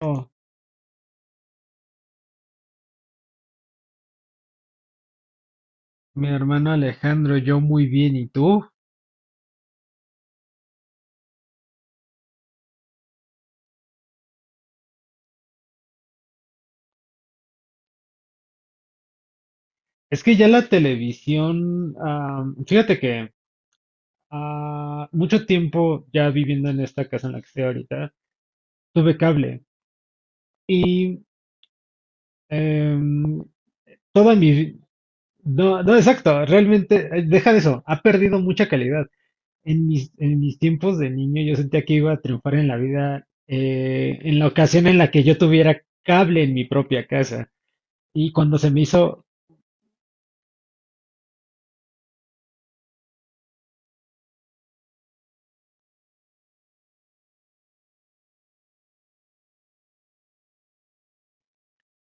Oh, mi hermano Alejandro, yo muy bien, ¿y tú? Es que ya la televisión, fíjate que mucho tiempo ya viviendo en esta casa en la que estoy ahorita, tuve cable y em, toda mi no, no, exacto, realmente, deja de eso, ha perdido mucha calidad. En mis tiempos de niño yo sentía que iba a triunfar en la vida en la ocasión en la que yo tuviera cable en mi propia casa. Y cuando se me hizo,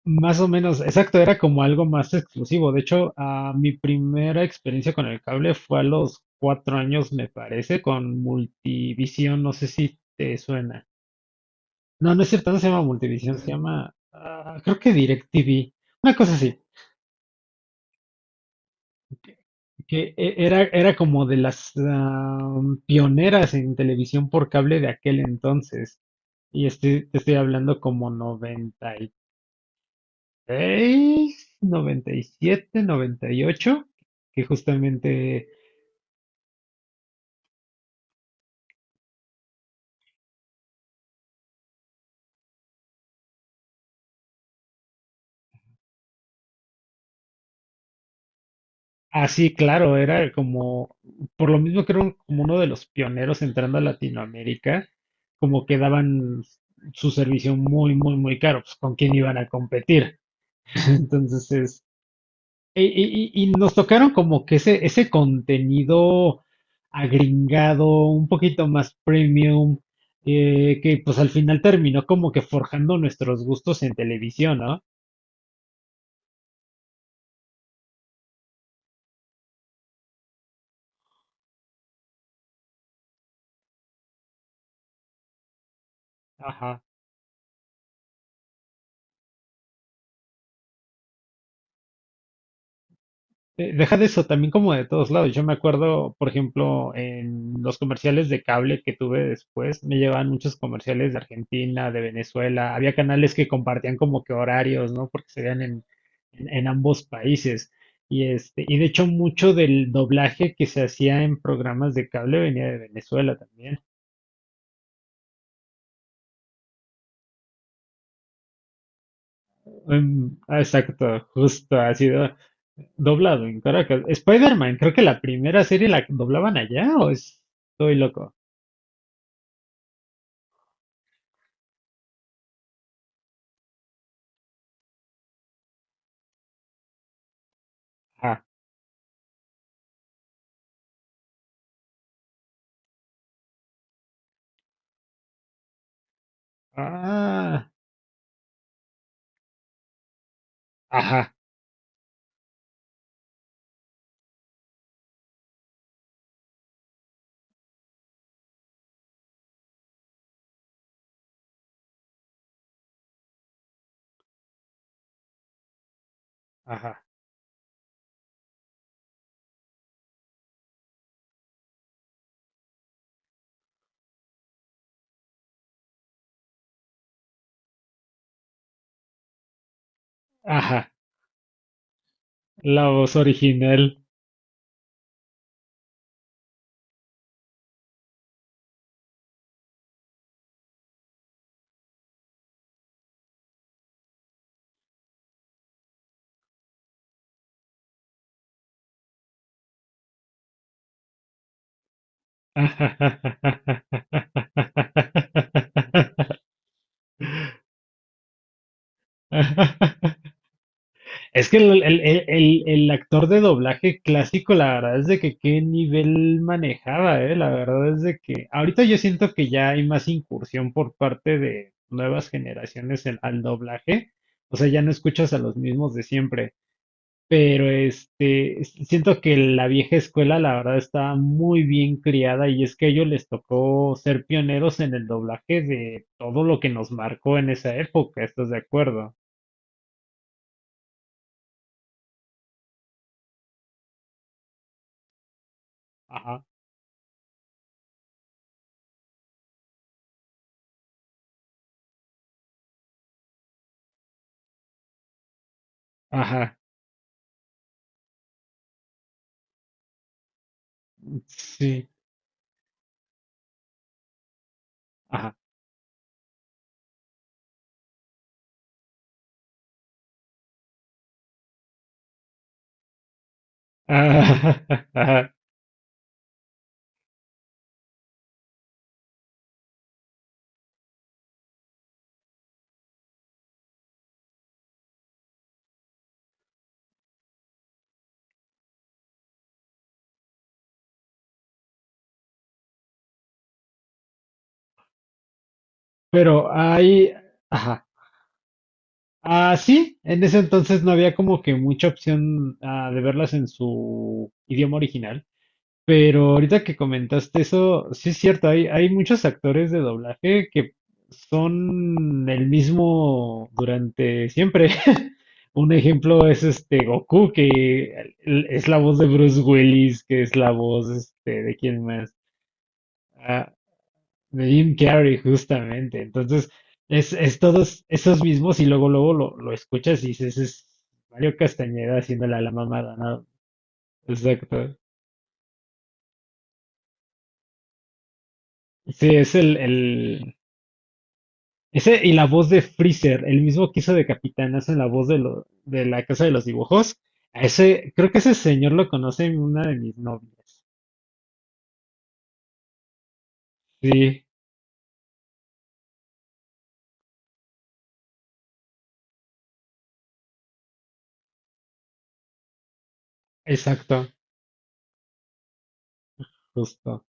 más o menos, exacto, era como algo más exclusivo. De hecho, mi primera experiencia con el cable fue a los cuatro años, me parece, con Multivisión. No sé si te suena. No, no es cierto, no se llama Multivisión, se llama, creo que DirecTV, una cosa así. Que era, era como de las pioneras en televisión por cable de aquel entonces. Y este, te estoy hablando como noventa seis, noventa y siete, noventa y ocho, que justamente, así claro, era como, por lo mismo que era como uno de los pioneros entrando a Latinoamérica, como que daban su servicio muy, muy, muy caro, pues con quién iban a competir. Entonces, y nos tocaron como que ese contenido agringado, un poquito más premium, que pues al final terminó como que forjando nuestros gustos en televisión, ¿no? Ajá. Deja de eso, también como de todos lados. Yo me acuerdo, por ejemplo, en los comerciales de cable que tuve después, me llevaban muchos comerciales de Argentina, de Venezuela. Había canales que compartían como que horarios, ¿no? Porque se veían en ambos países. Y este, y de hecho, mucho del doblaje que se hacía en programas de cable venía de Venezuela también. Exacto, justo, ha sido doblado en Caracas. Spider-Man, creo que la primera serie la doblaban allá, o estoy loco. Ah, ajá, ajá, ajá. La voz original. Es que el actor de doblaje clásico, la verdad es de que qué nivel manejaba, La verdad es de que ahorita yo siento que ya hay más incursión por parte de nuevas generaciones al doblaje. O sea, ya no escuchas a los mismos de siempre. Pero este, siento que la vieja escuela, la verdad, estaba muy bien criada y es que a ellos les tocó ser pioneros en el doblaje de todo lo que nos marcó en esa época, ¿estás de acuerdo? Ajá, ajá, sí, ajá, ajá, ajá. Pero ahí, ajá. Ah, sí, en ese entonces no había como que mucha opción de verlas en su idioma original. Pero ahorita que comentaste eso, sí es cierto, hay muchos actores de doblaje que son el mismo durante siempre. Un ejemplo es este Goku, que es la voz de Bruce Willis, que es la voz este, de quién más. Ah, de Jim Carrey, justamente. Entonces, es todos esos mismos y luego luego lo escuchas y dices, es Mario Castañeda haciéndole a la mamada, ¿no? Exacto. Sí, es ese y la voz de Freezer, el mismo que hizo de Capitanazo en la voz de, de la Casa de los Dibujos. A ese, creo que ese señor lo conoce una de mis novias. Sí, exacto, justo.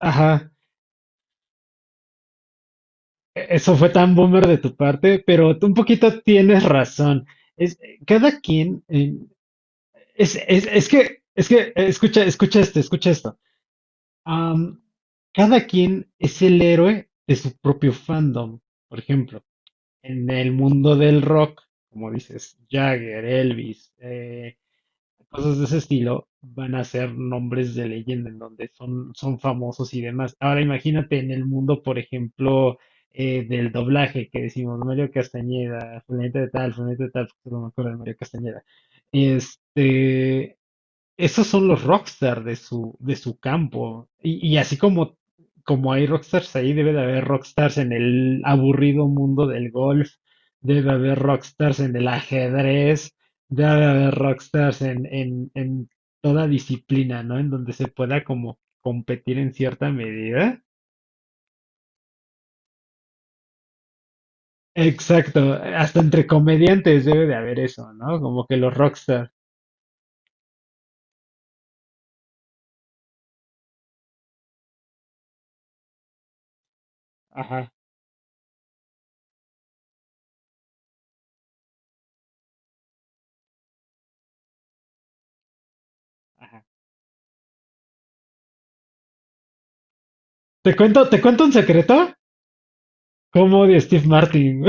Ajá, eso fue tan boomer de tu parte, pero tú un poquito tienes razón. Es, cada quien, escucha, escucha esto. Am, cada quien es el héroe de su propio fandom, por ejemplo. En el mundo del rock, como dices, Jagger, Elvis, cosas de ese estilo, van a ser nombres de leyenda en donde son, son famosos y demás. Ahora imagínate en el mundo, por ejemplo, del doblaje que decimos Mario Castañeda, fulanita de tal, porque no me acuerdo de Mario Castañeda. Este, esos son los rockstar de su campo. Y así como, como hay rockstars ahí, debe de haber rockstars en el aburrido mundo del golf, debe de haber rockstars en el ajedrez, debe de haber rockstars en toda disciplina, ¿no? En donde se pueda como competir en cierta medida. Exacto, hasta entre comediantes debe de haber eso, ¿no? Como que los rockstars. Ajá, ajá. Te cuento un secreto? ¿Cómo odio a Steve Martin?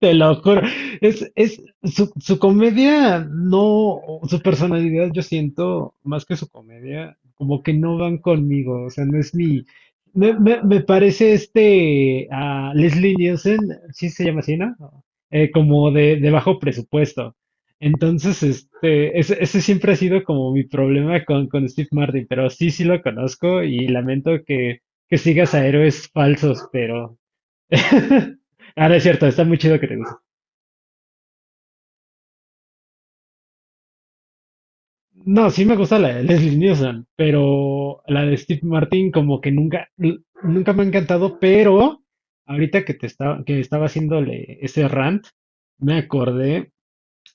Te lo juro. Su comedia, no, su personalidad, yo siento, más que su comedia, como que no van conmigo. O sea, no es mi. Me parece este a Leslie Nielsen, sí se llama así, ¿no? Como de bajo presupuesto. Entonces, este, ese siempre ha sido como mi problema con Steve Martin, pero sí, sí lo conozco y lamento que sigas a héroes falsos, pero. Ahora es cierto, está muy chido que te no, sí me gusta la de Leslie Nielsen, pero la de Steve Martin como que nunca, nunca me ha encantado, pero ahorita que te estaba, que estaba haciéndole ese rant, me acordé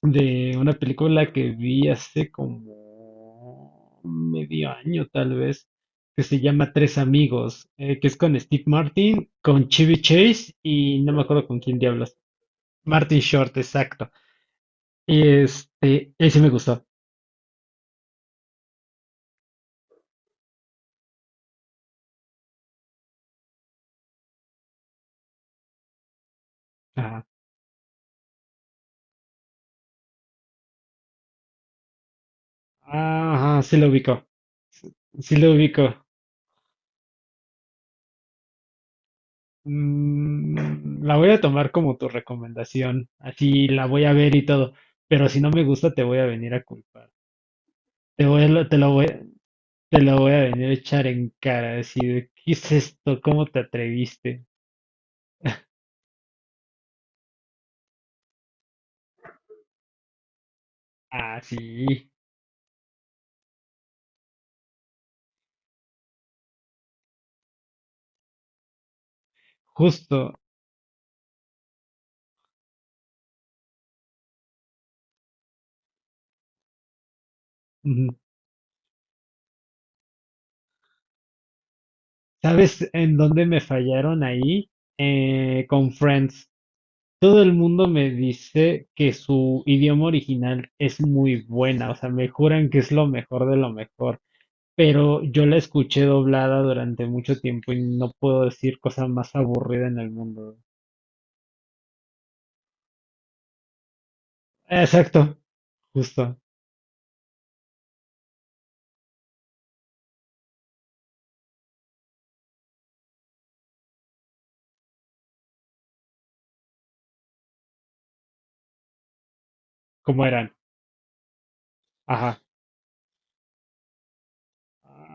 de una película que vi hace como medio año tal vez, que se llama Tres Amigos, que es con Steve Martin, con Chevy Chase y no me acuerdo con quién diablos. Martin Short, exacto. Y este, ese me gustó. Ajá, ajá, sí lo ubico. Sí lo ubico. Mm, la voy a tomar como tu recomendación. Así la voy a ver y todo. Pero si no me gusta, te voy a venir a culpar. Te voy a- lo- te lo voy a venir a echar en cara, decir, ¿qué es esto? ¿Cómo te atreviste? Ah, sí, justo. Mm, ¿sabes en dónde me fallaron ahí? Con Friends. Todo el mundo me dice que su idioma original es muy buena, o sea, me juran que es lo mejor de lo mejor. Pero yo la escuché doblada durante mucho tiempo y no puedo decir cosa más aburrida en el mundo. Exacto, justo, como eran. Ajá.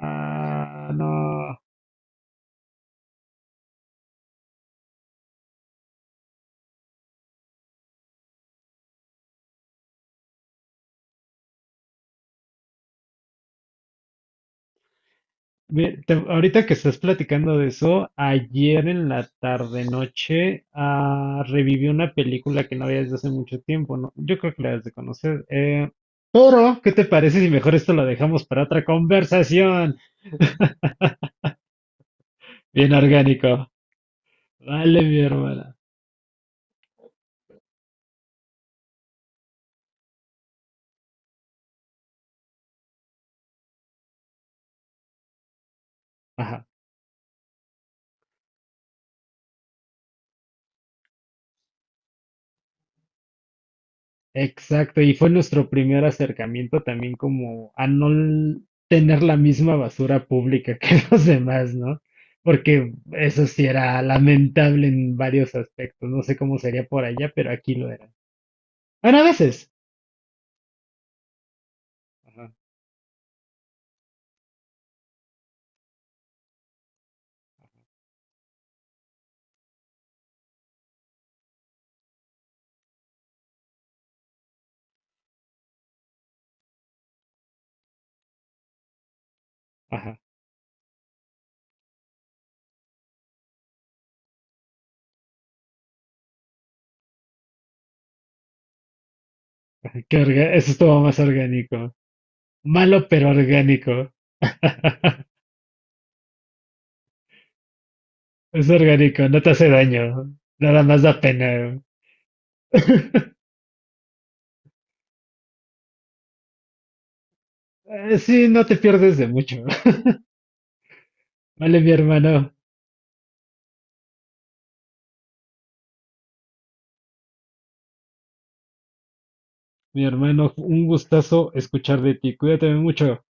Ah, no. Mira, ahorita que estás platicando de eso, ayer en la tarde-noche reviví una película que no había desde hace mucho tiempo, ¿no? Yo creo que la debes de conocer. Pero, ¿qué te parece si mejor esto lo dejamos para otra conversación? Bien orgánico. Vale, mi hermana. Ajá. Exacto, y fue nuestro primer acercamiento también como a no tener la misma basura pública que los demás, ¿no? Porque eso sí era lamentable en varios aspectos. No sé cómo sería por allá, pero aquí lo era. Bueno, a veces. Ajá, ajá. Eso estuvo más orgánico. Malo, pero orgánico. Es orgánico, no te hace daño. Nada más da pena. Sí, no te pierdes de mucho. Vale, mi hermano. Mi hermano, un gustazo escuchar de ti. Cuídate mucho.